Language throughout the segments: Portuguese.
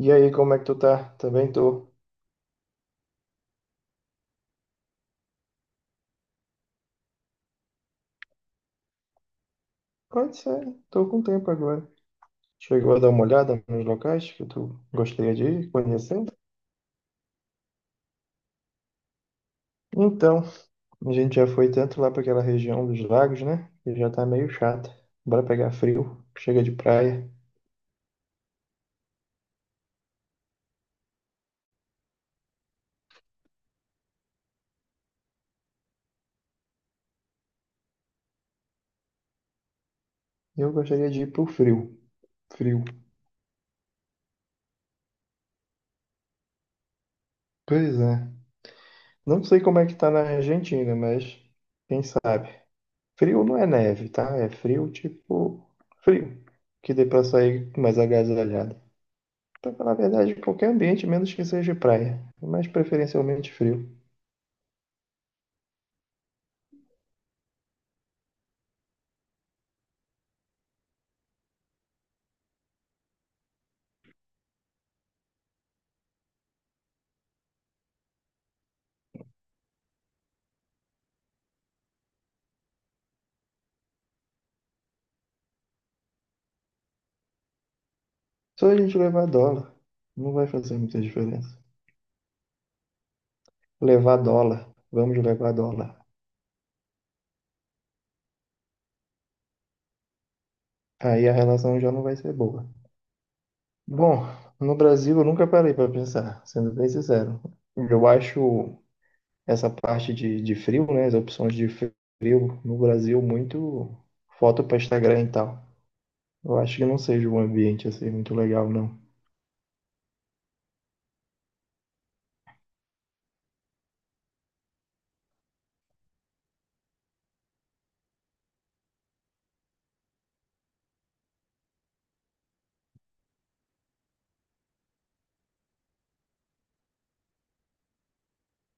E aí, como é que tu tá? Também tô. Pode ser, tô com tempo agora. Chegou a dar uma olhada nos locais que tu gostaria de ir conhecendo? Então, a gente já foi tanto lá para aquela região dos lagos, né? Que já tá meio chata. Bora pegar frio, chega de praia. Eu gostaria de ir pro frio. Frio. Pois é. Não sei como é que tá na Argentina, mas quem sabe. Frio não é neve, tá? É frio tipo frio, que dê pra sair mais agasalhado. Pra falar a verdade, qualquer ambiente, menos que seja praia, mas preferencialmente frio. Só a gente levar dólar, não vai fazer muita diferença. Levar dólar, vamos levar dólar. Aí a relação já não vai ser boa. Bom, no Brasil eu nunca parei para pensar, sendo bem sincero. Eu acho essa parte de frio, né, as opções de frio no Brasil muito foto para Instagram e tal. Eu acho que não seja um ambiente assim muito legal, não.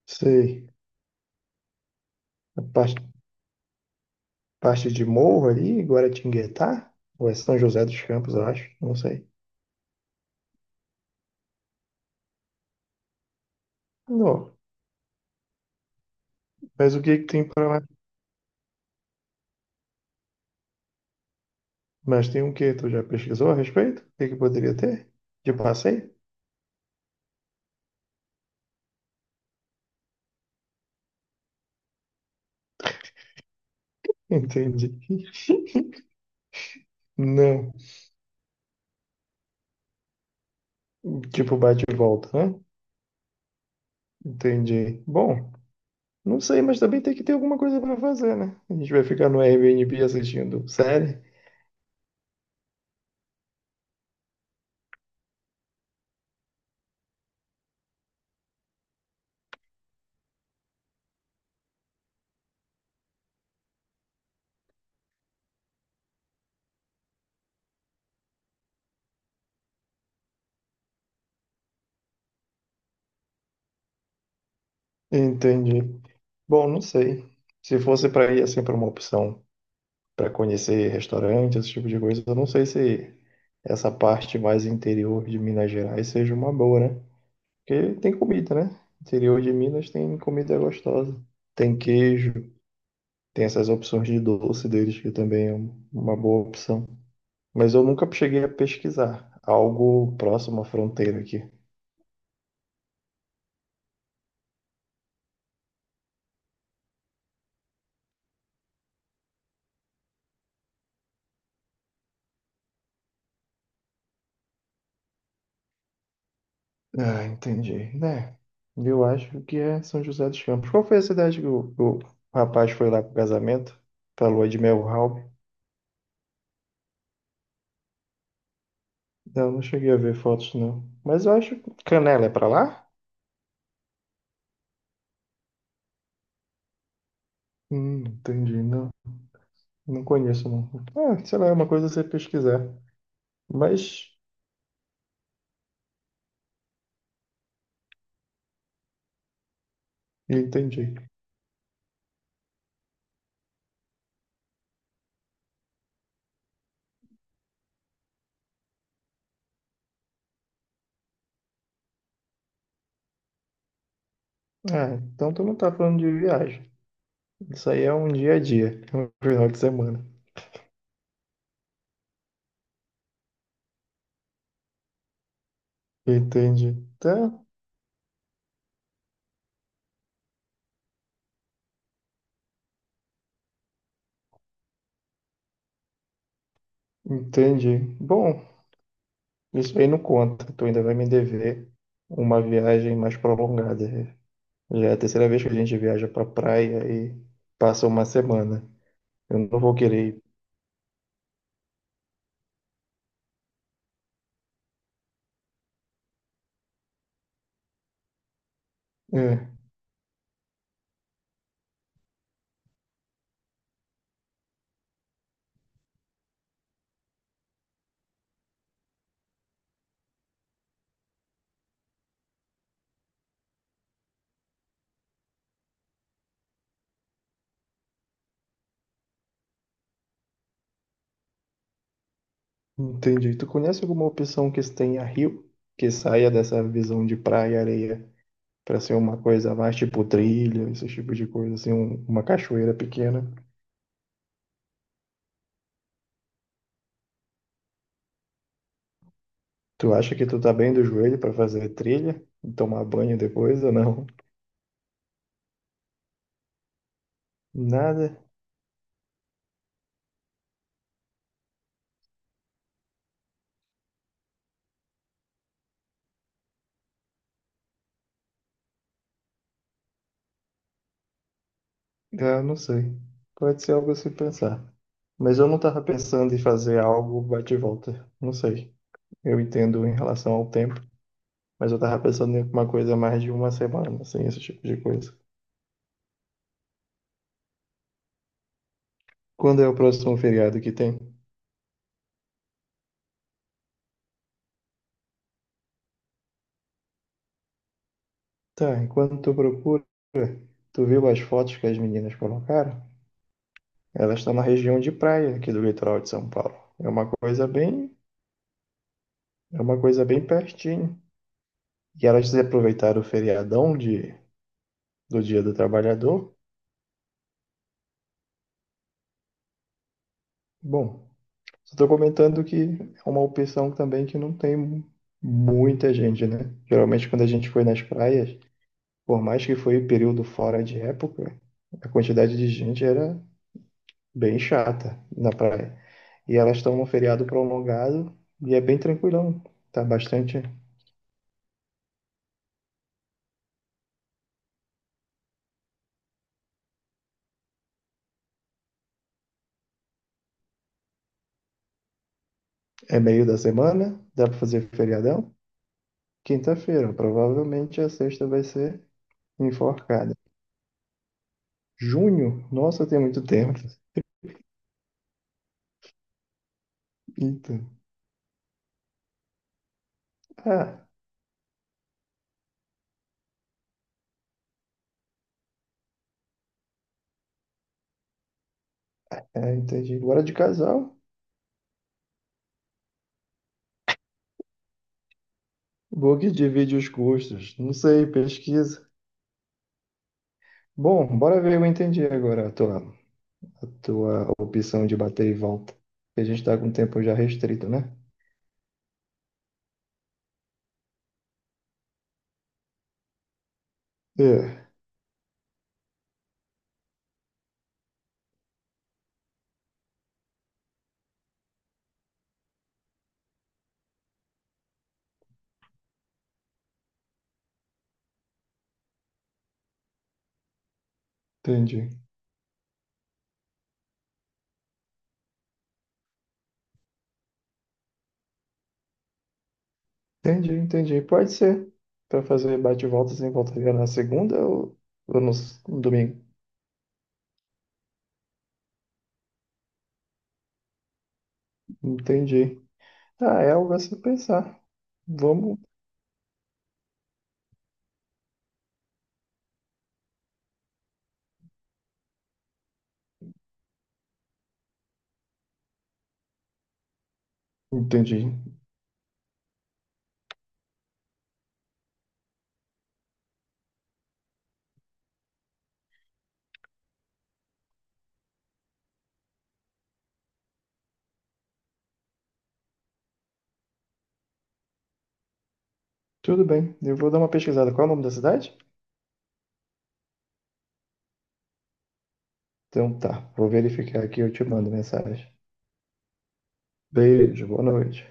Sei. A parte de Morro ali, Guaratinguetá, ou é São José dos Campos, eu acho, não sei. Não. Mas o que que tem para lá? Mas tem o que? Tu já pesquisou a respeito? O que que poderia ter? De passeio? Entendi. Não. Tipo bate e volta, né? Entendi. Bom, não sei, mas também tem que ter alguma coisa para fazer, né? A gente vai ficar no Airbnb assistindo série? Entendi. Bom, não sei. Se fosse para ir assim para uma opção para conhecer restaurante, esse tipo de coisa. Eu não sei se essa parte mais interior de Minas Gerais seja uma boa, né? Porque tem comida, né? Interior de Minas tem comida gostosa. Tem queijo, tem essas opções de doce deles, que também é uma boa opção. Mas eu nunca cheguei a pesquisar algo próximo à fronteira aqui. Ah, entendi. Né? Eu acho que é São José dos Campos. Qual foi a cidade que o rapaz foi lá pro casamento? Pra lua de mel, Raul? Não, não cheguei a ver fotos, não. Mas eu acho que Canela é pra lá? Entendi. Não, não conheço, não. Ah, sei lá, é uma coisa você pesquisar. Mas, entendi. Ah, então tu não tá falando de viagem. Isso aí é um dia a dia, é um final de semana. Entendi. Tá, entendi. Bom, isso aí não conta. Tu ainda vai me dever uma viagem mais prolongada. Já é a terceira vez que a gente viaja pra praia e passa uma semana. Eu não vou querer. Ir. É. Entendi. Tu conhece alguma opção que tenha rio, que saia dessa visão de praia e areia, para ser uma coisa mais tipo trilha, esse tipo de coisa, assim, uma cachoeira pequena? Tu acha que tu tá bem do joelho para fazer trilha e tomar banho depois ou não? Nada? Ah, não sei. Pode ser algo a se pensar. Mas eu não tava pensando em fazer algo bate e volta. Não sei. Eu entendo em relação ao tempo, mas eu tava pensando em uma coisa mais de uma semana, assim, esse tipo de coisa. Quando é o próximo feriado que tem? Tá, enquanto tu procura, tu viu as fotos que as meninas colocaram? Elas estão na região de praia aqui do litoral de São Paulo. É uma coisa bem, é uma coisa bem pertinho. E elas aproveitaram o feriadão de, do Dia do Trabalhador. Bom, só estou comentando que é uma opção também que não tem muita gente, né? Geralmente quando a gente foi nas praias, por mais que foi período fora de época, a quantidade de gente era bem chata na praia. E elas estão num feriado prolongado e é bem tranquilão. Tá bastante. É meio da semana, dá pra fazer feriadão. Quinta-feira, provavelmente a sexta vai ser enforcada. Junho, nossa, tem muito tempo. Então, ah, é, entendi. Agora de casal, book divide os gostos. Não sei, pesquisa. Bom, bora ver, eu entendi agora a tua opção de bater e volta. Porque a gente tá com o tempo já restrito, né? É, entendi. Entendi, entendi. Pode ser. Pra fazer bate-volta sem volta e na segunda ou no, no domingo. Entendi. Ah, é algo a se pensar. Vamos. Entendi. Tudo bem. Eu vou dar uma pesquisada. Qual é o nome da cidade? Então tá. Vou verificar aqui e eu te mando mensagem. Beijo, boa noite.